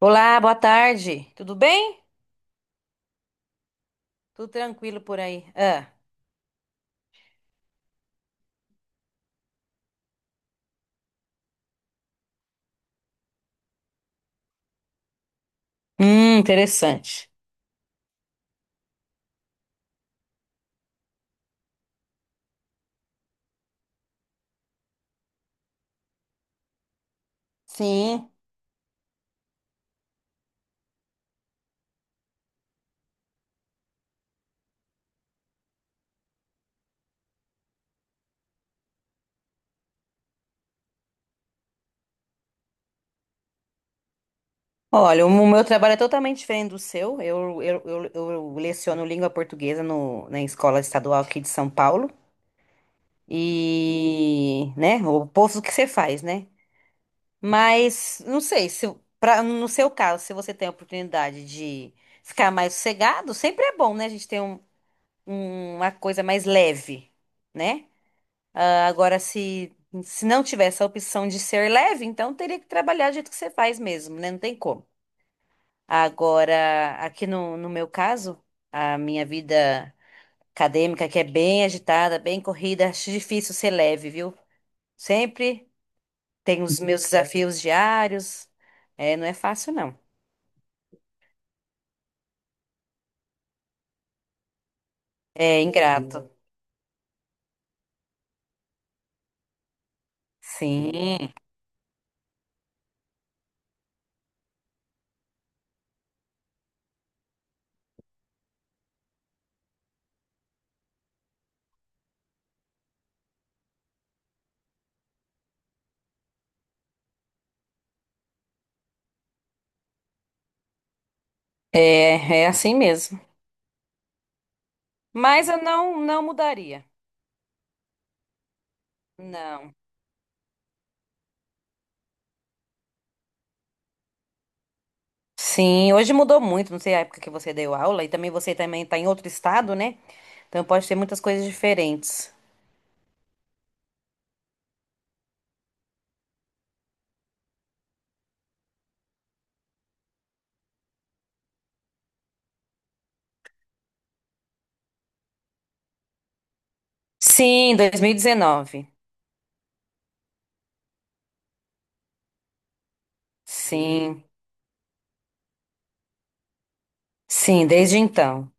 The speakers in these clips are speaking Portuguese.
Olá, boa tarde. Tudo bem? Tudo tranquilo por aí? Ah. Interessante. Sim. Olha, o meu trabalho é totalmente diferente do seu. Eu leciono língua portuguesa no, na escola estadual aqui de São Paulo. E, né, o oposto do que você faz, né? Mas, não sei, se, pra, no seu caso, se você tem a oportunidade de ficar mais sossegado, sempre é bom, né? A gente tem uma coisa mais leve, né? Ah, agora, se não tivesse a opção de ser leve, então teria que trabalhar do jeito que você faz mesmo, né? Não tem como. Agora, aqui no meu caso, a minha vida acadêmica, que é bem agitada, bem corrida, acho difícil ser leve, viu? Sempre tem os meus desafios diários. É, não é fácil, não. É ingrato. Sim, é, é assim mesmo. Mas eu não, não mudaria. Não. Sim, hoje mudou muito, não sei a época que você deu aula, e também você também está em outro estado, né? Então pode ter muitas coisas diferentes. Sim, 2019. Sim, sim, desde então.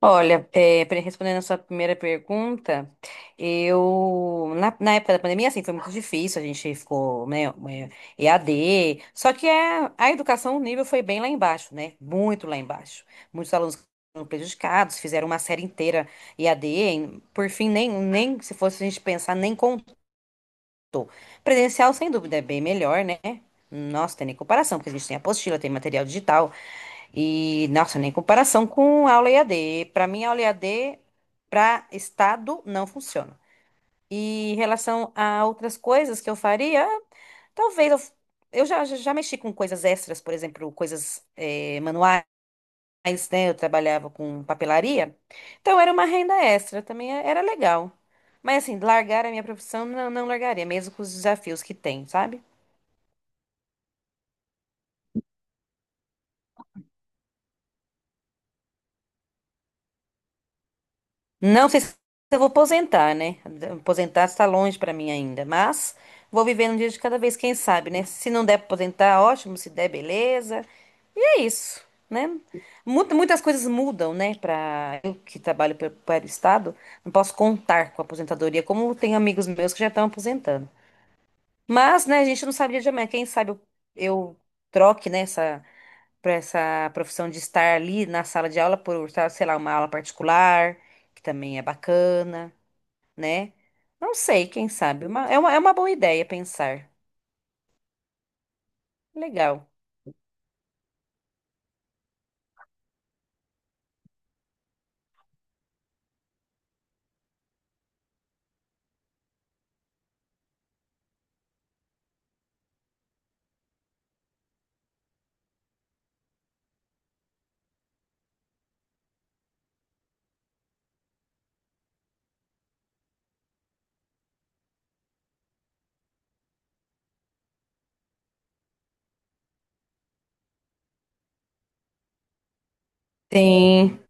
Olha, é, respondendo a sua primeira pergunta, eu na época da pandemia, assim, foi muito difícil, a gente ficou, né, é, EAD, só que a educação, o nível foi bem lá embaixo, né, muito lá embaixo. Muitos alunos foram prejudicados, fizeram uma série inteira EAD, por fim, nem se fosse a gente pensar, nem contou. Presencial, sem dúvida, é bem melhor, né? Nossa, tem nem comparação, porque a gente tem apostila, tem material digital, e, nossa, nem comparação com aula EAD. Para mim, aula EAD para estado não funciona. E em relação a outras coisas que eu faria, talvez eu, f- já mexi com coisas extras, por exemplo, coisas manuais, né? Eu trabalhava com papelaria, então era uma renda extra, também era legal. Mas assim, largar a minha profissão, não, não largaria, mesmo com os desafios que tem, sabe? Não sei se eu vou aposentar, né? Aposentar está longe para mim ainda, mas vou viver um dia de cada vez, quem sabe, né? Se não der para aposentar, ótimo, se der, beleza. E é isso, né? Muitas coisas mudam, né? Para eu que trabalho para o Estado, não posso contar com a aposentadoria, como tem amigos meus que já estão aposentando. Mas, né, a gente não sabe o dia de amanhã. Quem sabe eu troque, né, essa, pra essa profissão de estar ali na sala de aula por, sei lá, uma aula particular, que também é bacana né? Não sei, quem sabe. É uma boa ideia pensar. Legal. Sim.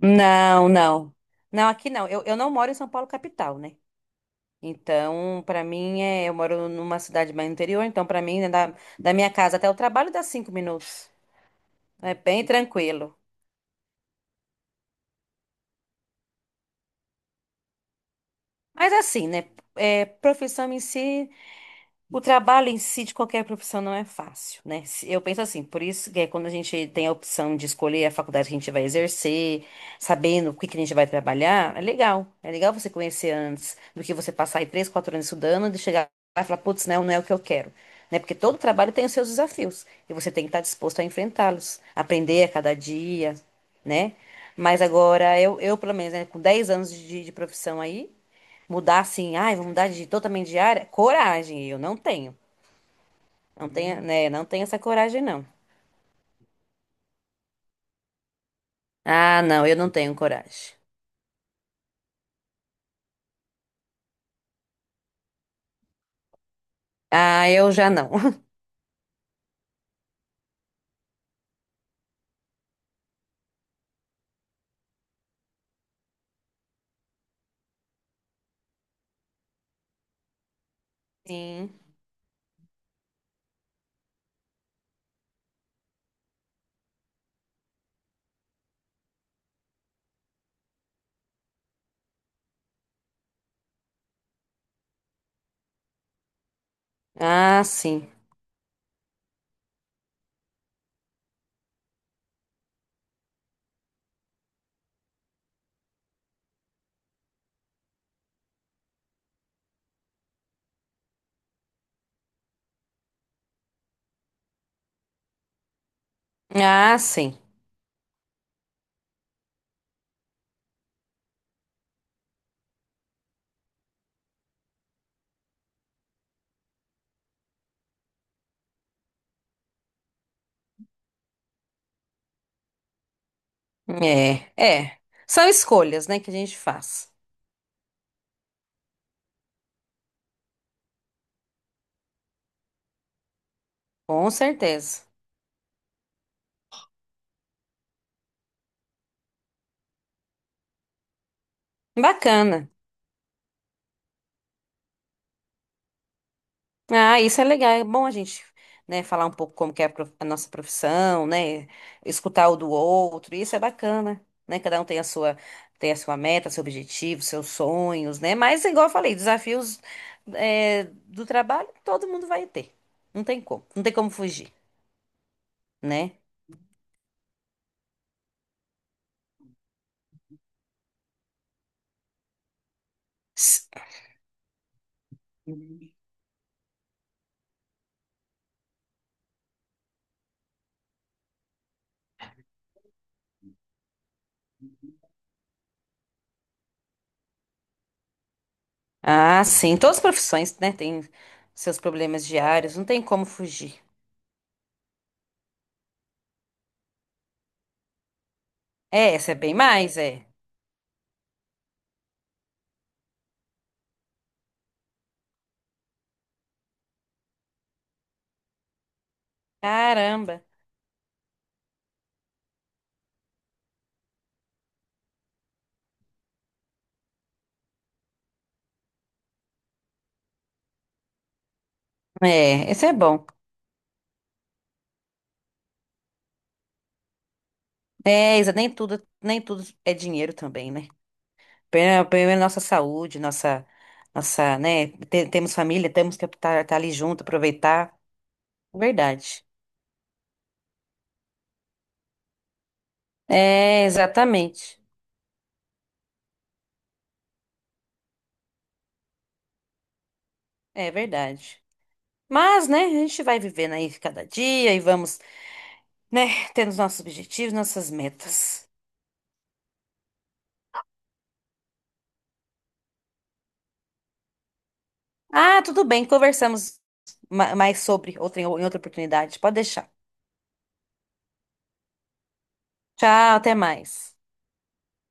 Não, não. Não, aqui não. Eu não moro em São Paulo, capital, né? Então, pra mim, é, eu moro numa cidade mais interior, então, pra mim, né, da, da minha casa até o trabalho dá 5 minutos. É bem tranquilo. Mas assim, né? É, profissão em si. O trabalho em si de qualquer profissão não é fácil, né? Eu penso assim, por isso que é quando a gente tem a opção de escolher a faculdade que a gente vai exercer, sabendo o que que a gente vai trabalhar, é legal. É legal você conhecer antes do que você passar aí três, quatro anos estudando e chegar lá e falar, putz, não, não é o que eu quero. Né? Porque todo trabalho tem os seus desafios e você tem que estar disposto a enfrentá-los, aprender a cada dia, né? Mas agora, eu pelo menos, né, com 10 anos de profissão aí, mudar assim, ai, vou mudar de totalmente de área? Coragem, eu não tenho. Não tenho, né? Não tenho essa coragem, não. Ah, não, eu não tenho coragem. Ah, eu já não. Sim. Ah, sim. Ah, sim. É, é. São escolhas, né, que a gente faz. Com certeza. Bacana. Ah, isso é legal. É bom a gente, né, falar um pouco como que é a a nossa profissão, né? Escutar o do outro. Isso é bacana, né? Cada um tem a sua meta, seu objetivo, seus sonhos, né? Mas, igual eu falei, desafios, é, do trabalho, todo mundo vai ter. Não tem como. Não tem como fugir, né? S- Ah, sim. Todas as profissões, né, têm seus problemas diários. Não tem como fugir. É, essa é bem mais, é. Caramba. É, esse é bom. É, Isa, nem tudo é dinheiro também, né? Primeiro nossa saúde, nossa, né? Temos família, temos que estar ali junto, aproveitar. Verdade. É, exatamente. É verdade. Mas, né, a gente vai vivendo aí cada dia e vamos, né, tendo os nossos objetivos, nossas metas. Ah, tudo bem, conversamos mais sobre outra, em outra oportunidade. Pode deixar. Tchau, até mais.